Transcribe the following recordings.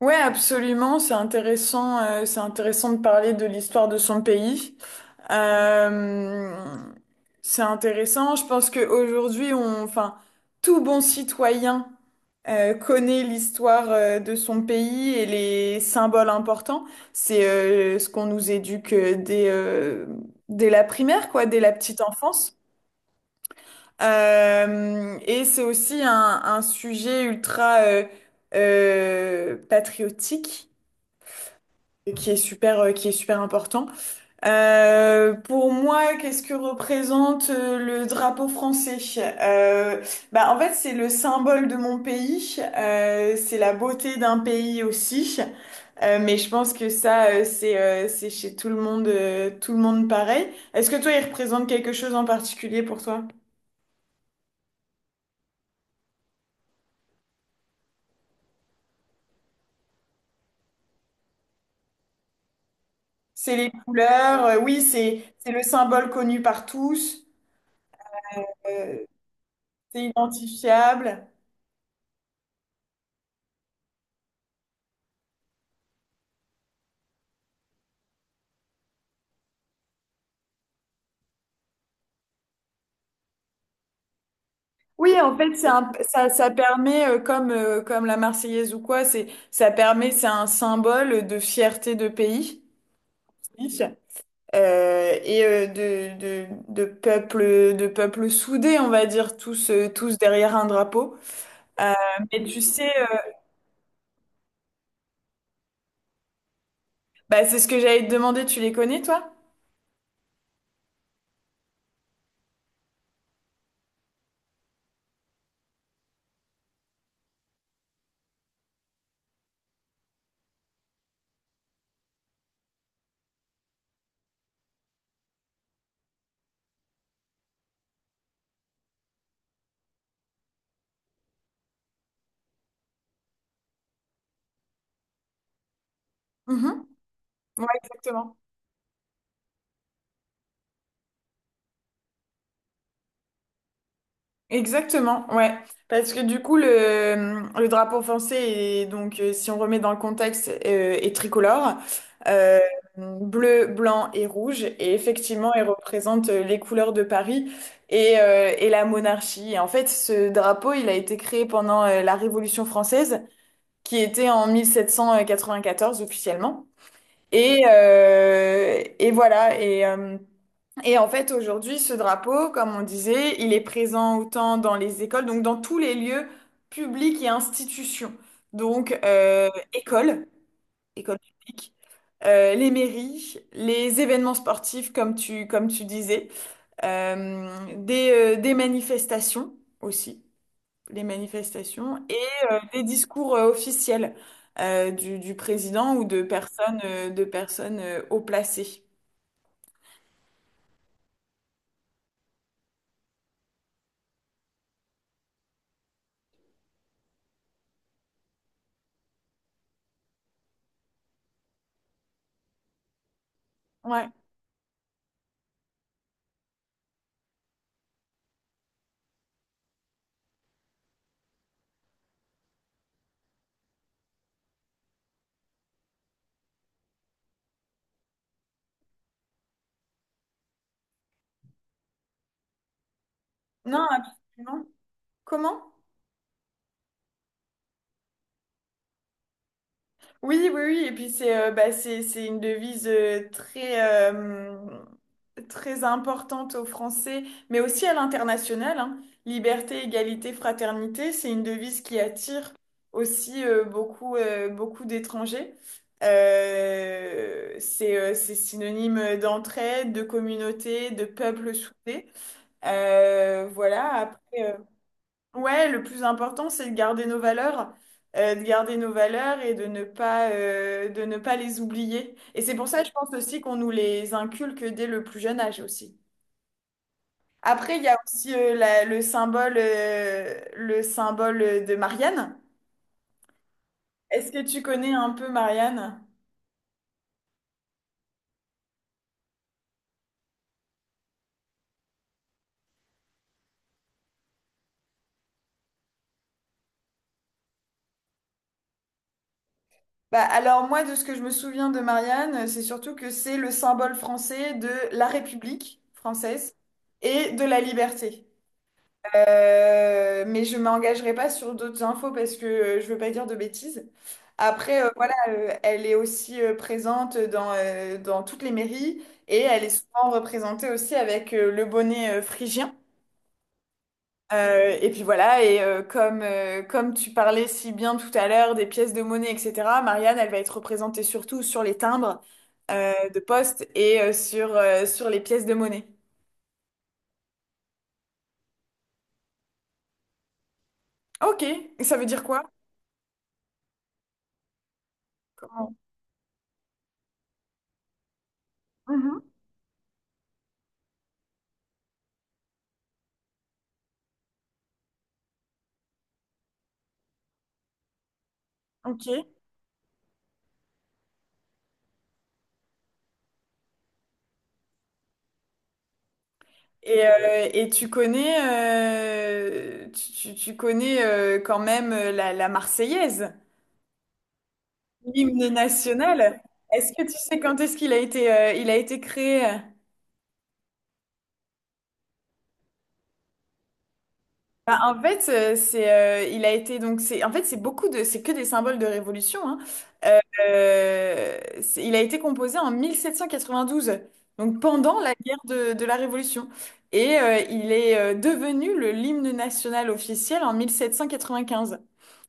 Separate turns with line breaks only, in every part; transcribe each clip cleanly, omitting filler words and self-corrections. Ouais, absolument. C'est intéressant. C'est intéressant de parler de l'histoire de son pays. Euh, c'est intéressant. Je pense qu'aujourd'hui, enfin, tout bon citoyen connaît l'histoire de son pays et les symboles importants. C'est ce qu'on nous éduque dès la primaire, quoi, dès la petite enfance. Et c'est aussi un sujet ultra patriotique et qui est qui est super important. Pour moi, qu'est-ce que représente le drapeau français? Euh, Bah, en fait, c'est le symbole de mon pays. C'est la beauté d'un pays aussi. Mais je pense que ça, c'est chez tout le monde pareil. Est-ce que toi, il représente quelque chose en particulier pour toi? C'est les couleurs. Oui, c'est le symbole connu par tous. euh, c'est identifiable. Oui, en fait, ça, ça permet, comme, comme la Marseillaise ou quoi, ça permet, c'est un symbole de fierté de pays et de peuple soudé, on va dire, tous, tous derrière un drapeau. Euh, mais tu sais, bah, c'est ce que j'allais te demander, tu les connais, toi? Mhm. Ouais, exactement. Exactement, ouais. Parce que du coup, le drapeau français est donc, si on remet dans le contexte, est tricolore, euh, bleu, blanc et rouge. Et effectivement, il représente les couleurs de Paris et la monarchie. Et en fait, ce drapeau, il a été créé pendant la Révolution française, qui était en 1794 officiellement. Et voilà. Et en fait, aujourd'hui, ce drapeau, comme on disait, il est présent autant dans les écoles, donc dans tous les lieux publics et institutions. Donc, écoles, écoles publiques, les mairies, les événements sportifs, comme tu disais, euh, des, des manifestations aussi, les manifestations, et des discours officiels du président ou de personnes, de personnes haut placées. Ouais. Non, absolument. Comment? Oui, oui, oui, et puis c'est bah, c'est une devise euh, très importante aux Français, mais aussi à l'international, hein. Liberté, égalité, fraternité, c'est une devise qui attire aussi beaucoup d'étrangers. C'est c'est synonyme d'entraide, de communauté, de peuple soudé. Voilà, après. Ouais, le plus important, c'est de garder nos valeurs, et de ne pas les oublier. Et c'est pour ça, je pense aussi qu'on nous les inculque dès le plus jeune âge aussi. Après, il y a aussi le symbole de Marianne. Est-ce que tu connais un peu Marianne? Bah, alors moi, de ce que je me souviens de Marianne, c'est surtout que c'est le symbole français de la République française et de la liberté. Mais je m'engagerai pas sur d'autres infos parce que je veux pas dire de bêtises. Après, voilà, elle est aussi présente dans, dans toutes les mairies et elle est souvent représentée aussi avec le bonnet phrygien. Et puis voilà, et comme, comme tu parlais si bien tout à l'heure des pièces de monnaie, etc., Marianne, elle va être représentée surtout sur les timbres de poste et sur les pièces de monnaie. Ok, et ça veut dire quoi? Comment- Mhm. Ok. Et tu connais, tu connais quand même la Marseillaise, l'hymne national. Est-ce que tu sais quand est-ce qu'il a été, il a été créé? Bah, en fait, il a été donc c'est, en fait c'est beaucoup de, c'est que des symboles de révolution. Hein. Euh, il a été composé en 1792, donc pendant la guerre de la Révolution, et il est devenu le l'hymne national officiel en 1795.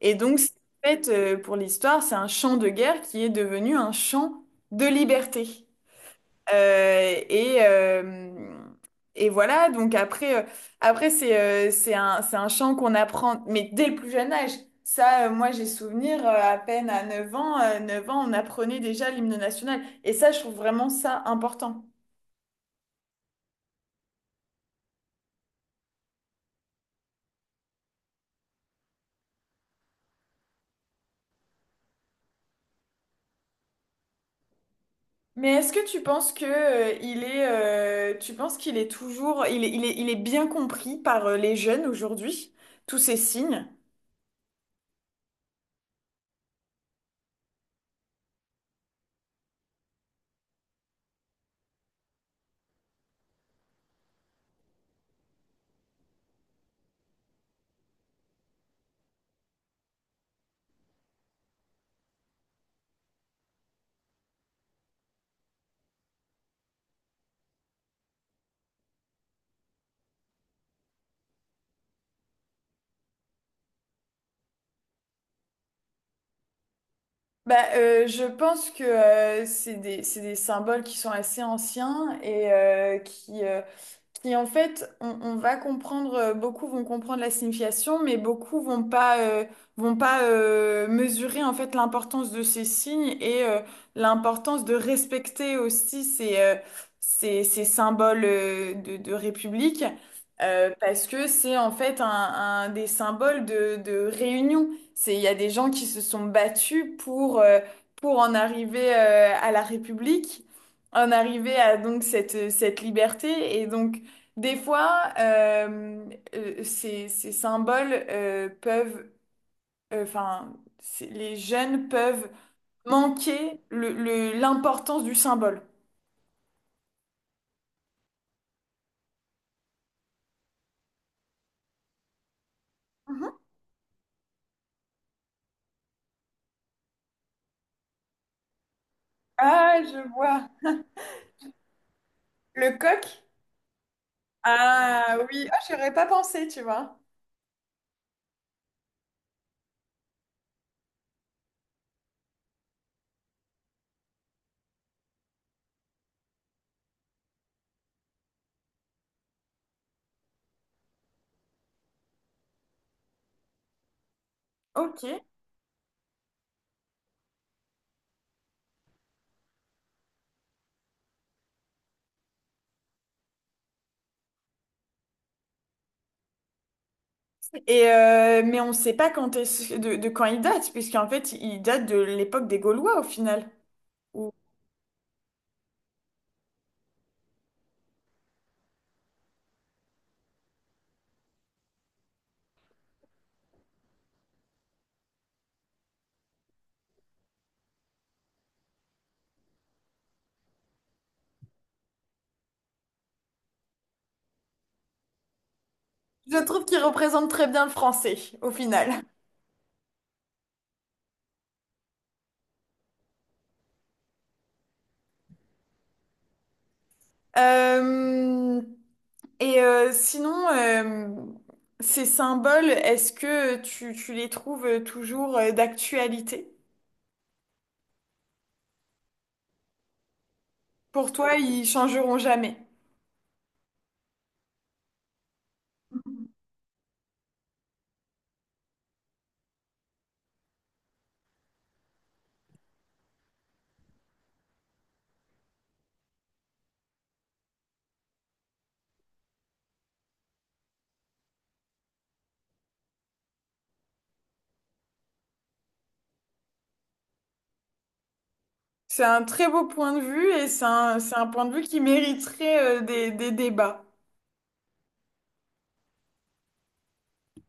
Et donc, c'est- En fait, pour l'histoire, c'est un champ de guerre qui est devenu un champ de liberté. Euh, et, euh, et voilà, donc après, c'est c'est un chant qu'on apprend, mais dès le plus jeune âge. Ça, moi, j'ai souvenir, à peine à 9 ans, on apprenait déjà l'hymne national. Et ça, je trouve vraiment ça important. Mais est-ce que tu penses que, tu penses qu'il est toujours, il est bien compris par, les jeunes aujourd'hui, tous ces signes? Bah, je pense que c'est des symboles qui sont assez anciens et qui en fait, on va comprendre, beaucoup vont comprendre la signification, mais beaucoup vont pas, mesurer en fait l'importance de ces signes et l'importance de respecter aussi ces symboles de République, parce que c'est en fait un des symboles de réunion. C'est, il y a des gens qui se sont battus pour en arriver à la République, en arriver à donc cette, cette liberté. Et donc, des fois, ces symboles peuvent, enfin, les jeunes peuvent manquer l'importance du symbole. Mhm. Ah, je vois. Le coq? Ah oui, ah, j'aurais pas pensé, tu vois. Ok. Et mais on ne sait pas de quand il date, puisqu'en fait, il date de l'époque des Gaulois au final. Ou- Je trouve qu'il représente très bien le français au final. Euh, et euh, sinon, euh, Ces symboles, est-ce que tu les trouves toujours d'actualité? Pour toi, ils changeront jamais. C'est un très beau point de vue et c'est c'est un point de vue qui mériterait des débats.